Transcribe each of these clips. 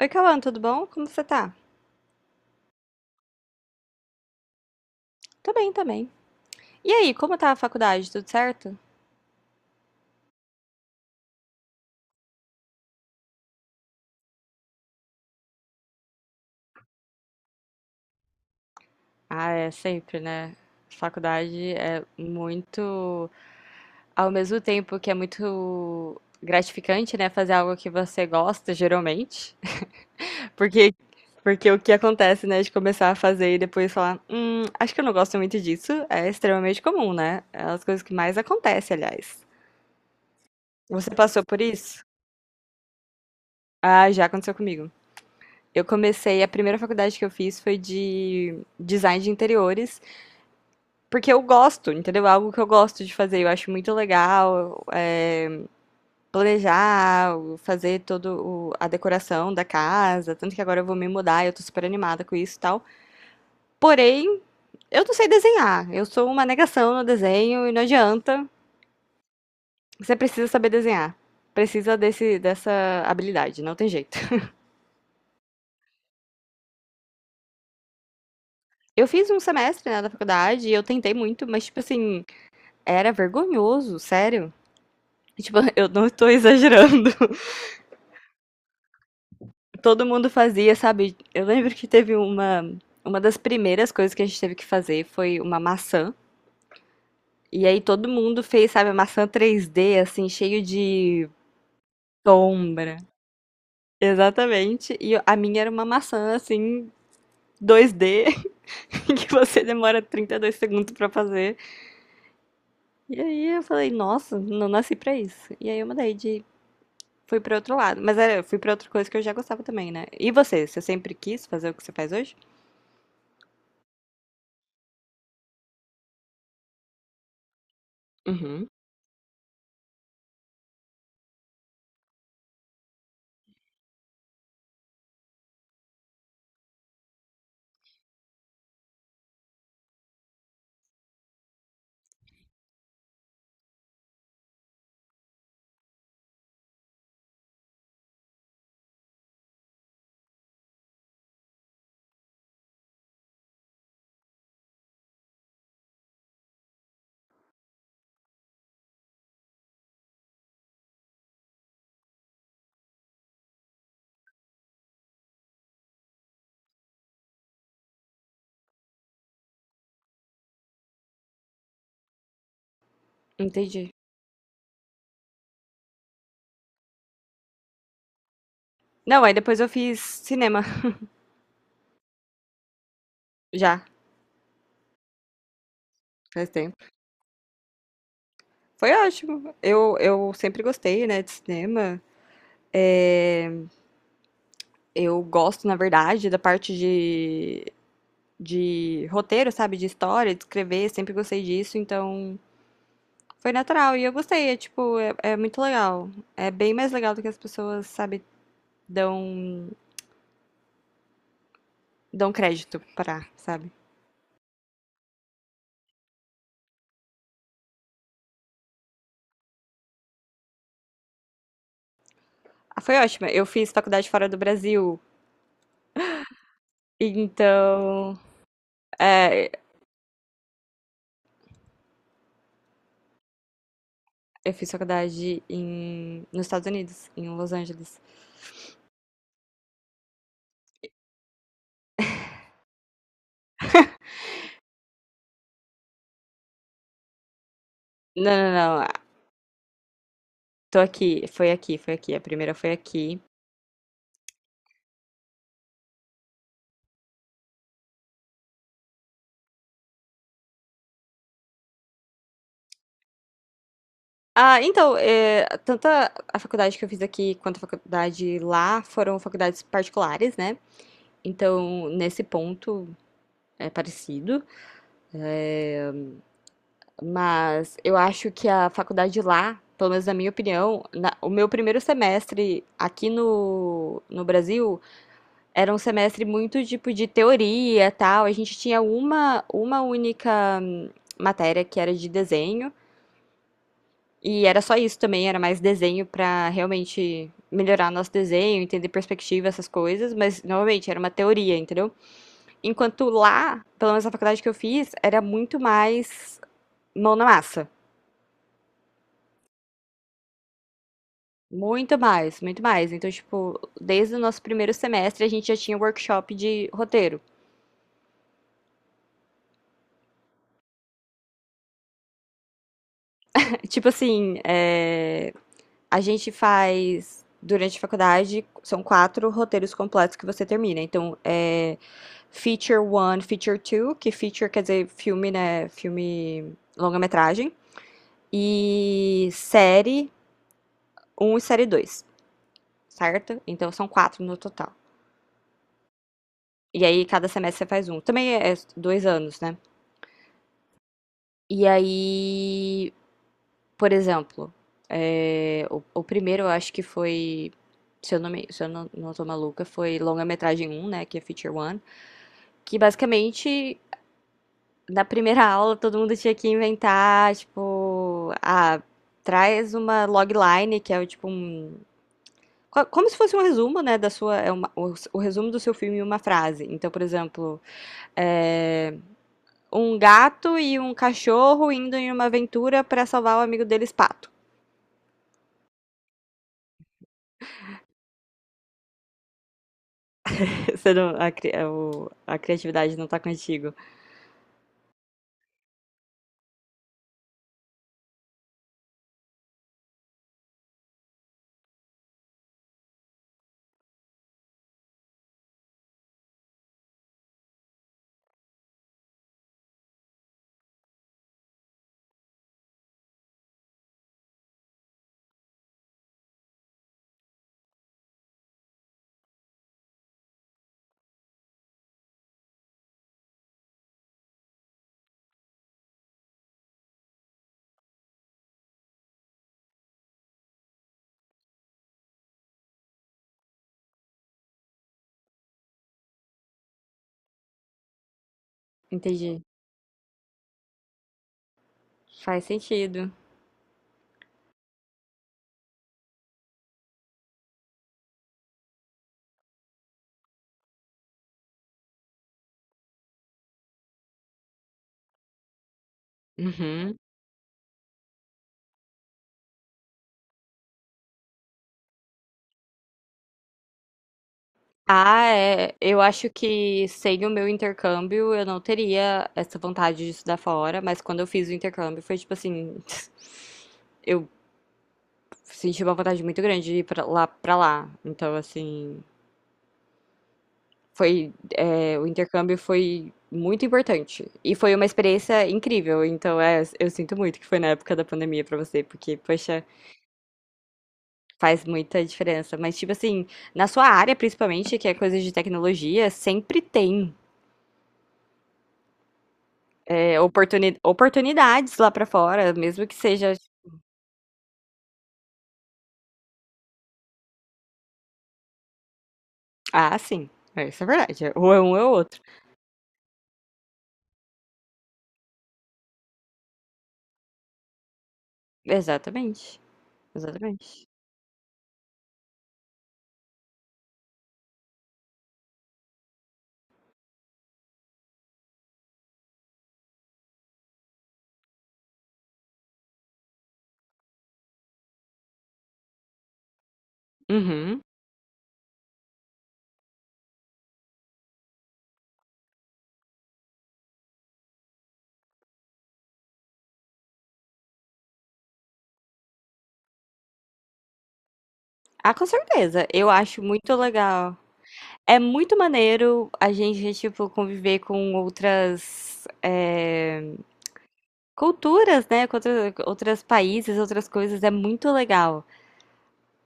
Oi, Cauã, tudo bom? Como você tá? Tô bem também. E aí, como tá a faculdade? Tudo certo? Ah, é sempre, né? Faculdade é muito, ao mesmo tempo que é muito gratificante, né, fazer algo que você gosta, geralmente, porque porque o que acontece, né, de começar a fazer e depois falar, acho que eu não gosto muito disso, é extremamente comum, né? É as coisas que mais acontecem, aliás. Você passou por isso? Ah, já aconteceu comigo. Eu comecei, a primeira faculdade que eu fiz foi de design de interiores, porque eu gosto, entendeu? É algo que eu gosto de fazer, eu acho muito legal é, planejar, fazer toda a decoração da casa, tanto que agora eu vou me mudar, eu tô super animada com isso e tal. Porém, eu não sei desenhar, eu sou uma negação no desenho e não adianta, você precisa saber desenhar, precisa dessa habilidade, não tem jeito. Eu fiz um semestre, né, da faculdade e eu tentei muito, mas, tipo assim, era vergonhoso, sério. Tipo, eu não estou exagerando. Todo mundo fazia, sabe? Eu lembro que teve uma. Uma das primeiras coisas que a gente teve que fazer foi uma maçã. E aí todo mundo fez, sabe, a maçã 3D, assim, cheio de sombra. Exatamente. E a minha era uma maçã, assim, 2D, que você demora 32 segundos pra fazer. E aí eu falei, nossa, não nasci pra isso. E aí eu mudei de Fui pra outro lado, mas eu fui pra outra coisa que eu já gostava também, né? E você? Você sempre quis fazer o que você faz hoje? Uhum. Entendi. Não, aí depois eu fiz cinema, já, faz tempo. Foi ótimo. Eu sempre gostei, né, de cinema. É, eu gosto, na verdade, da parte de roteiro, sabe? De história, de escrever, sempre gostei disso, então foi natural. E eu gostei, é tipo, é muito legal. É bem mais legal do que as pessoas, sabe, dão, dão crédito pra, sabe? Ah, foi ótima. Eu fiz faculdade fora do Brasil. Então, é, eu fiz faculdade nos Estados Unidos, em Los Angeles. Não, não, não. Tô aqui. Foi aqui, foi aqui. A primeira foi aqui. Ah, então, tanto a faculdade que eu fiz aqui quanto a faculdade lá foram faculdades particulares, né? Então, nesse ponto é parecido, mas eu acho que a faculdade lá, pelo menos na minha opinião, o meu primeiro semestre aqui no Brasil. Era um semestre muito tipo de teoria, tal. A gente tinha uma única matéria que era de desenho, e era só isso também, era mais desenho para realmente melhorar nosso desenho, entender perspectiva, essas coisas, mas novamente era uma teoria, entendeu? Enquanto lá, pelo menos na faculdade que eu fiz, era muito mais mão na massa. Muito mais, muito mais. Então, tipo, desde o nosso primeiro semestre a gente já tinha workshop de roteiro. Tipo assim, a gente faz, durante a faculdade, são quatro roteiros completos que você termina. Então, é Feature 1, Feature 2, que feature quer dizer filme, né? Filme longa-metragem. E série um e série dois, certo? Então, são quatro no total. E aí, cada semestre você faz um. Também é 2 anos, né? E aí, por exemplo, o primeiro eu acho que foi, se eu não tô maluca, foi longa-metragem um, né? Que é Feature 1, que basicamente na primeira aula todo mundo tinha que inventar, tipo, ah, traz uma logline, que é o tipo um. Como se fosse um resumo, né, da sua. O resumo do seu filme em uma frase. Então, por exemplo, é, um gato e um cachorro indo em uma aventura para salvar o amigo deles, pato. Você não- a, cri- o- a criatividade não tá contigo. Entendi. Faz sentido. Uhum. Ah, é. Eu acho que sem o meu intercâmbio eu não teria essa vontade de estudar fora, mas quando eu fiz o intercâmbio foi tipo assim, eu senti uma vontade muito grande de ir pra lá, pra lá. Então, assim, foi, o intercâmbio foi muito importante e foi uma experiência incrível. Então, eu sinto muito que foi na época da pandemia pra você, porque, poxa, faz muita diferença. Mas, tipo assim, na sua área, principalmente, que é coisa de tecnologia, sempre tem, oportunidades lá pra fora, mesmo que seja. Ah, sim. É, isso é verdade. Ou é um ou é outro. Exatamente. Exatamente. Uhum. Ah, com certeza. Eu acho muito legal. É muito maneiro a gente, tipo, conviver com outras culturas, né? Com outros países, outras coisas. É muito legal.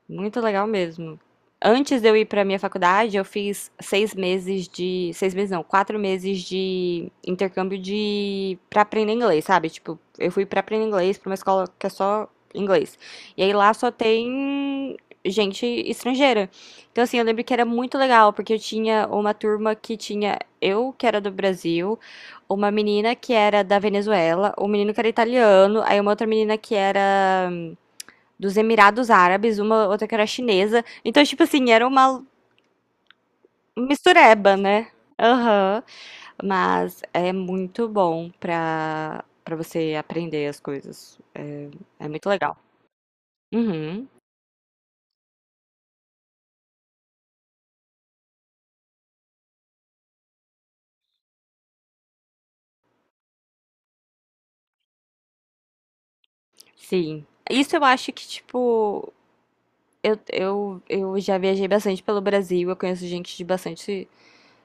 Muito legal mesmo. Antes de eu ir para minha faculdade, eu fiz 6 meses de, 6 meses não, 4 meses de intercâmbio de para aprender inglês, sabe? Tipo, eu fui para aprender inglês para uma escola que é só inglês. E aí lá só tem gente estrangeira. Então assim, eu lembro que era muito legal porque eu tinha uma turma que tinha eu que era do Brasil, uma menina que era da Venezuela, um menino que era italiano, aí uma outra menina que era dos Emirados Árabes, uma outra que era chinesa. Então, tipo assim, era uma mistureba, né? Aham. Mas é muito bom pra você aprender as coisas. É muito legal. Uhum, sim. Isso eu acho que, tipo, eu já viajei bastante pelo Brasil, eu conheço gente de bastante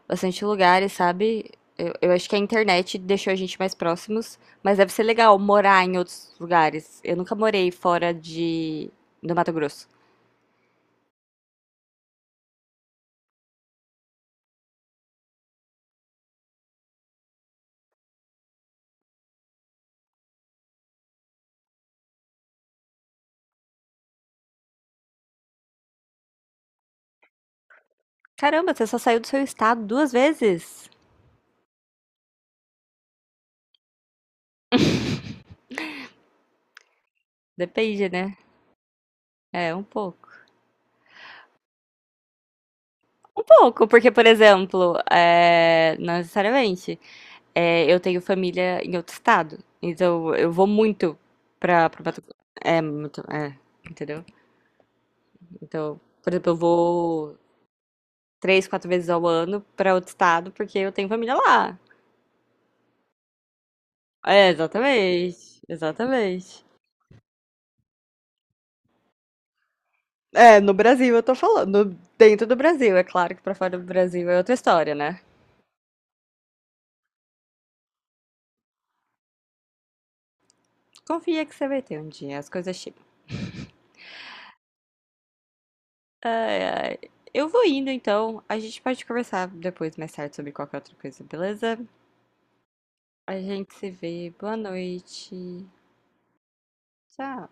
bastante lugares, sabe? Eu acho que a internet deixou a gente mais próximos, mas deve ser legal morar em outros lugares. Eu nunca morei fora de do Mato Grosso. Caramba, você só saiu do seu estado 2 vezes? Depende, né? É, um pouco. Um pouco, porque, por exemplo, não necessariamente, eu tenho família em outro estado. Então, eu vou muito pro Mato Grosso. É, muito, entendeu? Então, por exemplo, eu vou 3 4 vezes ao ano para outro estado, porque eu tenho família lá. É, exatamente. Exatamente. É, no Brasil eu tô falando, dentro do Brasil, é claro que pra fora do Brasil é outra história, né? Confia que você vai ter um dia, as coisas chegam. Ai, ai. Eu vou indo então, a gente pode conversar depois, mais tarde, sobre qualquer outra coisa, beleza? A gente se vê, boa noite, tchau.